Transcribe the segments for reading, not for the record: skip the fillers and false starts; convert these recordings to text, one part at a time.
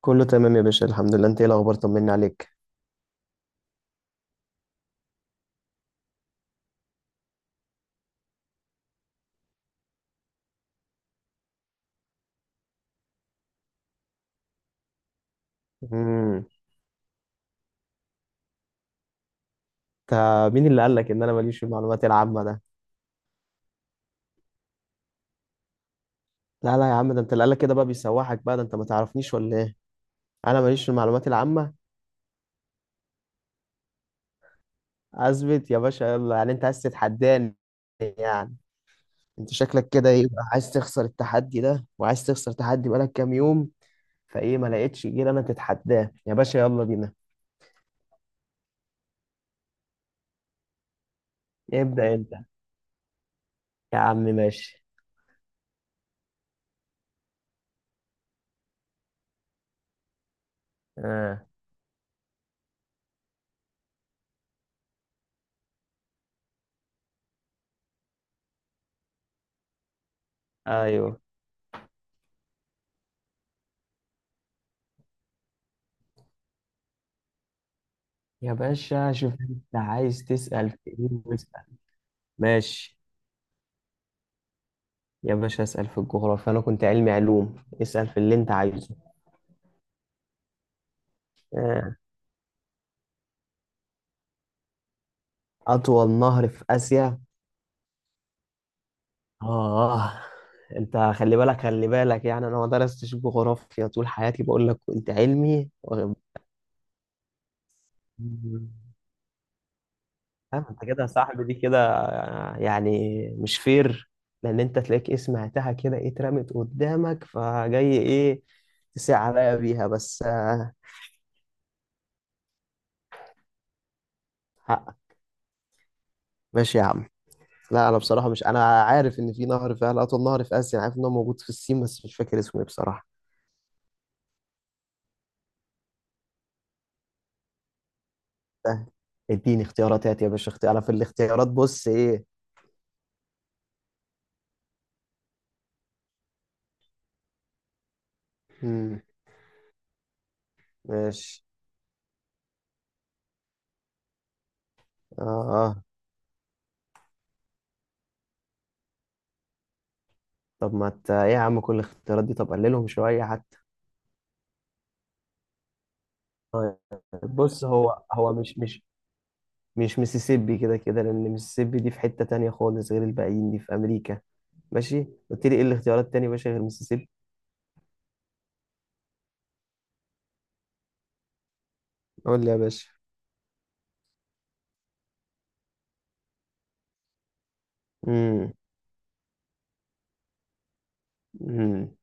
كله تمام يا باشا، الحمد لله. انت ايه الاخبار؟ طمني عليك. امم انت، مين اللي قال لك ان انا ماليش في المعلومات العامه ده؟ لا لا يا عم، ده انت اللي قال لك كده بقى بيسوحك. بقى ده انت ما تعرفنيش ولا ايه؟ انا ماليش في المعلومات العامه؟ اثبت يا باشا، يلا. يعني انت عايز تتحداني؟ يعني انت شكلك كده ايه بقى، عايز تخسر التحدي ده؟ وعايز تخسر تحدي بقالك كام يوم، فايه ما لقيتش غير انا تتحداه؟ يا باشا يلا بينا. ابدا انت، يا عم ماشي. اه. ايوه يا باشا، شوف انت عايز تسأل في ايه. ماشي يا باشا، اسأل في الجغرافيا. أنا كنت علمي علوم، اسأل في اللي أنت عايزه. آه، أطول نهر في آسيا. آه، أنت خلي بالك خلي بالك، يعني أنا ما درستش جغرافيا طول حياتي، بقول لك كنت علمي فاهم أنت كده يا صاحبي؟ دي كده يعني مش فير، لأن أنت تلاقيك إيه، سمعتها كده إيه، اترمت قدامك فجاي إيه تسيع عليا بيها بس. حقك ماشي يا عم. لا انا بصراحه مش، انا عارف ان في نهر فعلا اطول نهر في اسيا، انا عارف ان هو موجود في الصين بس مش فاكر اسمه ايه بصراحه. سهل، اديني اختيارات. هات يا باشا اختيار، انا في الاختيارات بص ايه. امم ماشي. اه. اه. طب ما ايه يا عم، كل الاختيارات دي؟ طب قللهم شويه حتى. طيب، بص، هو هو مش مش ميسيسيبي كده كده، لان ميسيسيبي دي في حته تانية خالص غير الباقيين، دي في امريكا. ماشي، قلت لي ايه الاختيارات التانية يا باشا غير ميسيسيبي؟ قول لي يا باشا. امم امم.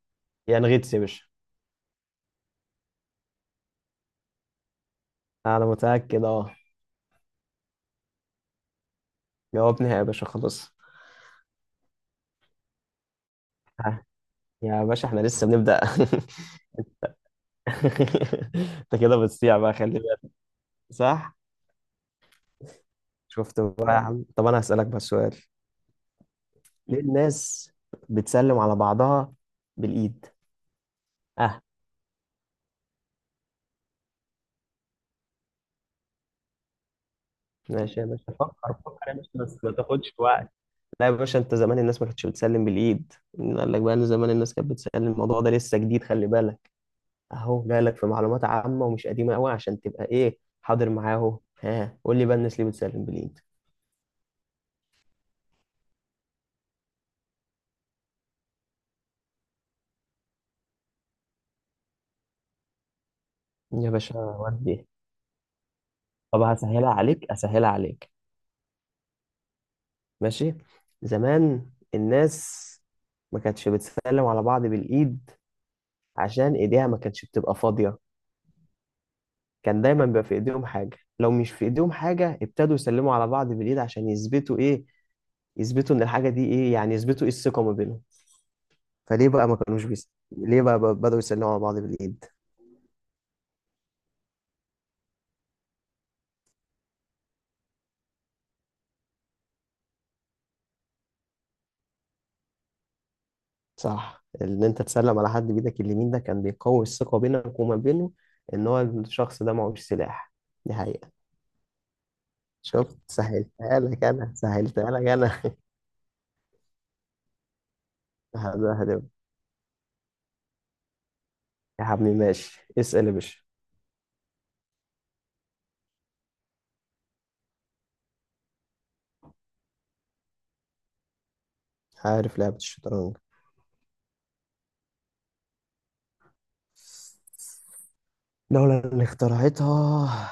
يعني غيتس يا باشا. انا متاكد اه. جاوبني يا باشا خلاص. ها، يا باشا احنا لسه بنبدأ. انت كده بتصيع بقى، خلي بالك. صح. شفت بقى يا عم؟ طب انا هسألك بس سؤال: ليه الناس بتسلم على بعضها بالإيد؟ اه، ماشي يا باشا، فكر فكر يا باشا بس ما تاخدش وقت. لا يا باشا، انت زمان الناس ما كانتش بتسلم بالإيد. مين قال لك بقى ان زمان الناس كانت بتسلم؟ الموضوع ده لسه جديد، خلي بالك. اهو جايلك في معلومات عامة ومش قديمة قوي عشان تبقى ايه، حاضر معاه. اهو ها، قول لي بقى، الناس ليه بتسلم بالإيد؟ يا باشا ودي، طب هسهلها عليك، اسهلها عليك. ماشي، زمان الناس ما كانتش بتسلم على بعض بالايد عشان ايديها ما كانتش بتبقى فاضيه. كان دايما بيبقى في ايديهم حاجه. لو مش في ايديهم حاجه، ابتدوا يسلموا على بعض بالايد عشان يثبتوا ايه؟ يثبتوا ان الحاجه دي ايه يثبتوا ايه؟ الثقه ما بينهم. فليه بقى ما كانوش ليه بقى، بقى بدأوا يسلموا على بعض بالايد؟ صح، ان انت تسلم على حد بايدك اليمين ده كان بيقوي الثقه بينك وما بينه، ان هو الشخص ده معهوش سلاح. دي حقيقة. شفت؟ سهلتها لك انا، سهلتها لك انا. واحد واحد يا ابني. يا حبيبي ماشي، اسال يا باشا. عارف لعبة الشطرنج؟ لولا ان اخترعتها.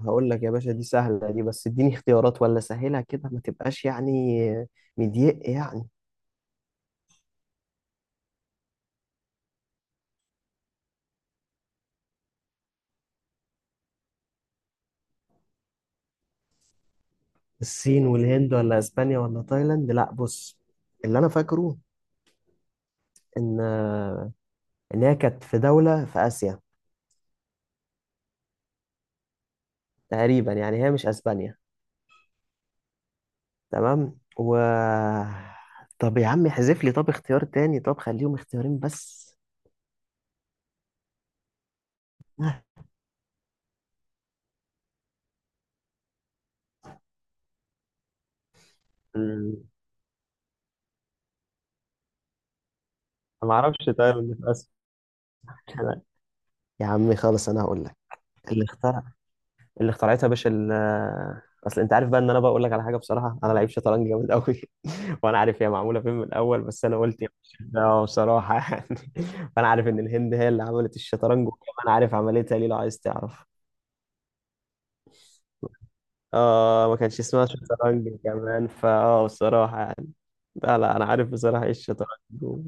هقول لك يا باشا، دي سهلة دي، بس اديني اختيارات ولا سهلها كده، ما تبقاش يعني مضيق يعني. الصين والهند ولا اسبانيا ولا تايلاند. لا، بص، اللي انا فاكره ان هي كانت في دولة في اسيا تقريبا، يعني هي مش اسبانيا. تمام. طب يا عم احذف لي طب اختيار تاني، طب خليهم اختيارين بس. آه. مم. أنا ما أعرفش. طيب إن في أسف، أنا- يا عم خلاص، انا هقول لك. اللي اخترع، اللي اخترعتها يا باشا اصل انت عارف بقى، ان انا بقول لك على حاجه بصراحه، انا لعيب شطرنج جامد قوي. وانا عارف هي معموله فين من الاول، بس انا قلت يا باشا ده بصراحه. يعني فانا عارف ان الهند هي اللي عملت الشطرنج، وكمان عارف عملتها ليه لو عايز تعرف. اه، ما كانش اسمها شطرنج كمان، فاه بصراحة يعني. لا لا، انا عارف بصراحة ايه الشطرنج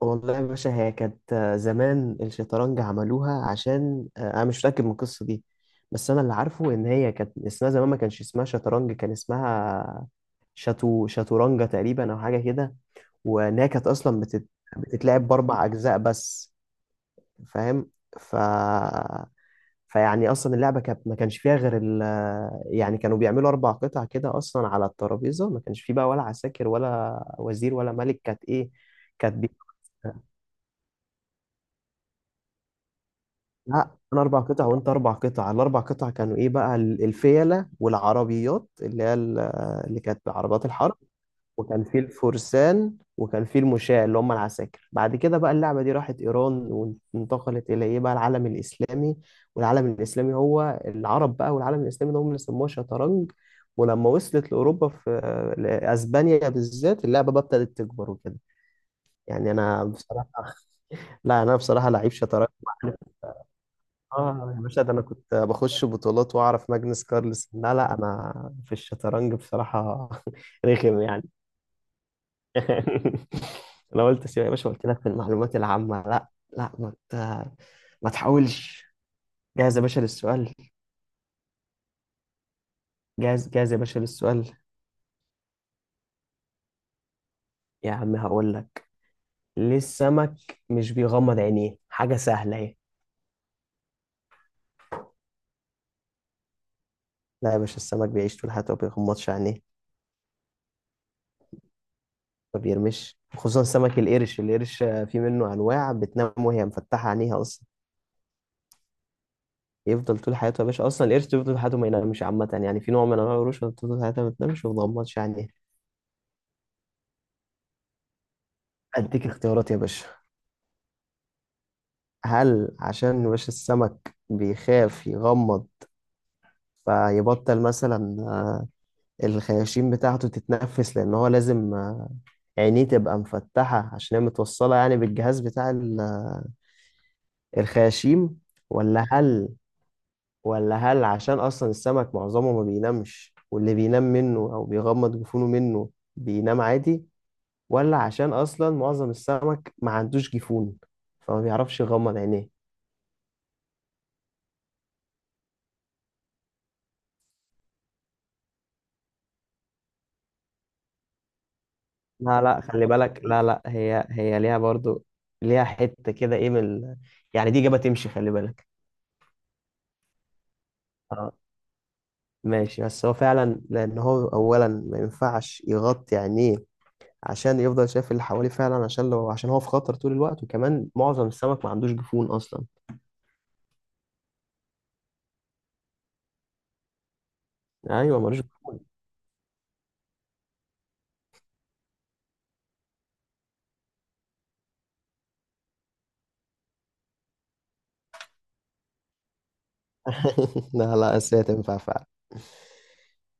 والله يا باشا، هي كانت زمان الشطرنج عملوها عشان انا مش متأكد من القصة دي، بس انا اللي عارفه ان هي كانت اسمها زمان، ما كانش اسمها شطرنج، كان اسمها شاتورانجا تقريبا او حاجة كده. وان هي كانت اصلا بتتلعب باربع اجزاء بس. فاهم؟ ف فيعني اصلا اللعبه كانت ما كانش فيها غير يعني كانوا بيعملوا اربع قطع كده اصلا على الترابيزه، ما كانش فيه بقى ولا عساكر ولا وزير ولا ملك. كانت ايه؟ كانت بي... لا انا اربع قطع وانت اربع قطع. الاربع قطع كانوا ايه بقى، الفيله والعربيات اللي هي اللي كانت عربيات الحرب، وكان في الفرسان، وكان في المشاة اللي هم العساكر. بعد كده بقى اللعبة دي راحت إيران، وانتقلت إلى إيه بقى، العالم الإسلامي. والعالم الإسلامي هو العرب بقى، والعالم الإسلامي ده هم اللي سموها شطرنج. ولما وصلت لأوروبا، لأسبانيا بالذات، اللعبة بقى ابتدت تكبر وكده. يعني أنا بصراحة، لا أنا بصراحة لعيب شطرنج. آه يا باشا، ده أنا كنت بخش بطولات وأعرف ماجنس كارلسن. لا لا، أنا في الشطرنج بصراحة رخم يعني. انا قلت سيبها يا باشا، قلت لك في المعلومات العامة لا. لا ما ما تحاولش. جاهز يا باشا للسؤال. جاهز جاهز يا باشا للسؤال. يا عم هقول لك، ليه السمك مش بيغمض عينيه؟ حاجة سهلة اهي. لا يا باشا، السمك بيعيش طول حياته ما بيغمضش عينيه. ما بيرمش، خصوصا سمك القرش. القرش في منه انواع بتنام وهي مفتحة عينيها اصلا. يفضل طول حياته يا باشا، اصلا القرش بيفضل طول حياته ما ينامش عامة، يعني في نوع من انواع القروش بتفضل طول حياتها ما بتنامش وما بتغمضش عينيها. اديك اختيارات يا باشا: هل عشان وش السمك بيخاف يغمض فيبطل مثلا الخياشيم بتاعته تتنفس، لأن هو لازم عينيه تبقى مفتحة عشان هي متوصلة يعني بالجهاز بتاع الخياشيم؟ ولا هل، ولا هل عشان أصلا السمك معظمه ما بينامش، واللي بينام منه أو بيغمض جفونه منه بينام عادي؟ ولا عشان أصلا معظم السمك ما عندوش جفون فما بيعرفش يغمض عينيه؟ لا لا خلي بالك، لا لا، هي هي ليها برضو، ليها حتة كده ايه من يعني دي إجابة تمشي، خلي بالك. اه ماشي، بس هو فعلا، لأن هو أولا ما ينفعش يغطي عينيه عشان يفضل شايف اللي حواليه فعلا، عشان لو عشان هو في خطر طول الوقت، وكمان معظم السمك ما عندوش جفون أصلا. أيوه ملوش جفون. لا لا بس هي تنفع فعلا.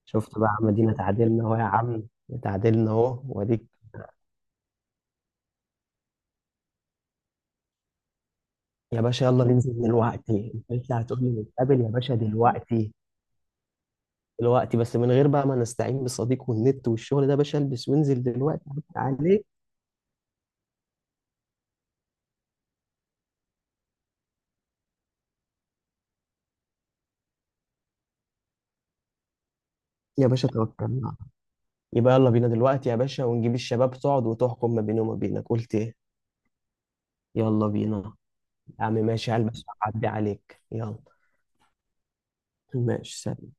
شفت بقى يا عم؟ دينا تعادلنا أهو يا عم، تعادلنا أهو وأديك. يا باشا يلا ننزل دلوقتي؟ أنت لسه هتقول لي نتقابل يا باشا دلوقتي؟ دلوقتي بس من غير بقى ما نستعين بالصديق والنت والشغل ده يا باشا، البس وانزل دلوقتي عدي عليك. يا باشا توكلنا، يبقى يلا بينا دلوقتي يا باشا، ونجيب الشباب تقعد وتحكم ما بيني وما بينك، قلت ايه؟ يلا بينا. يا عم ماشي، هلبس وأعدي عليك، يلا. ماشي سلام.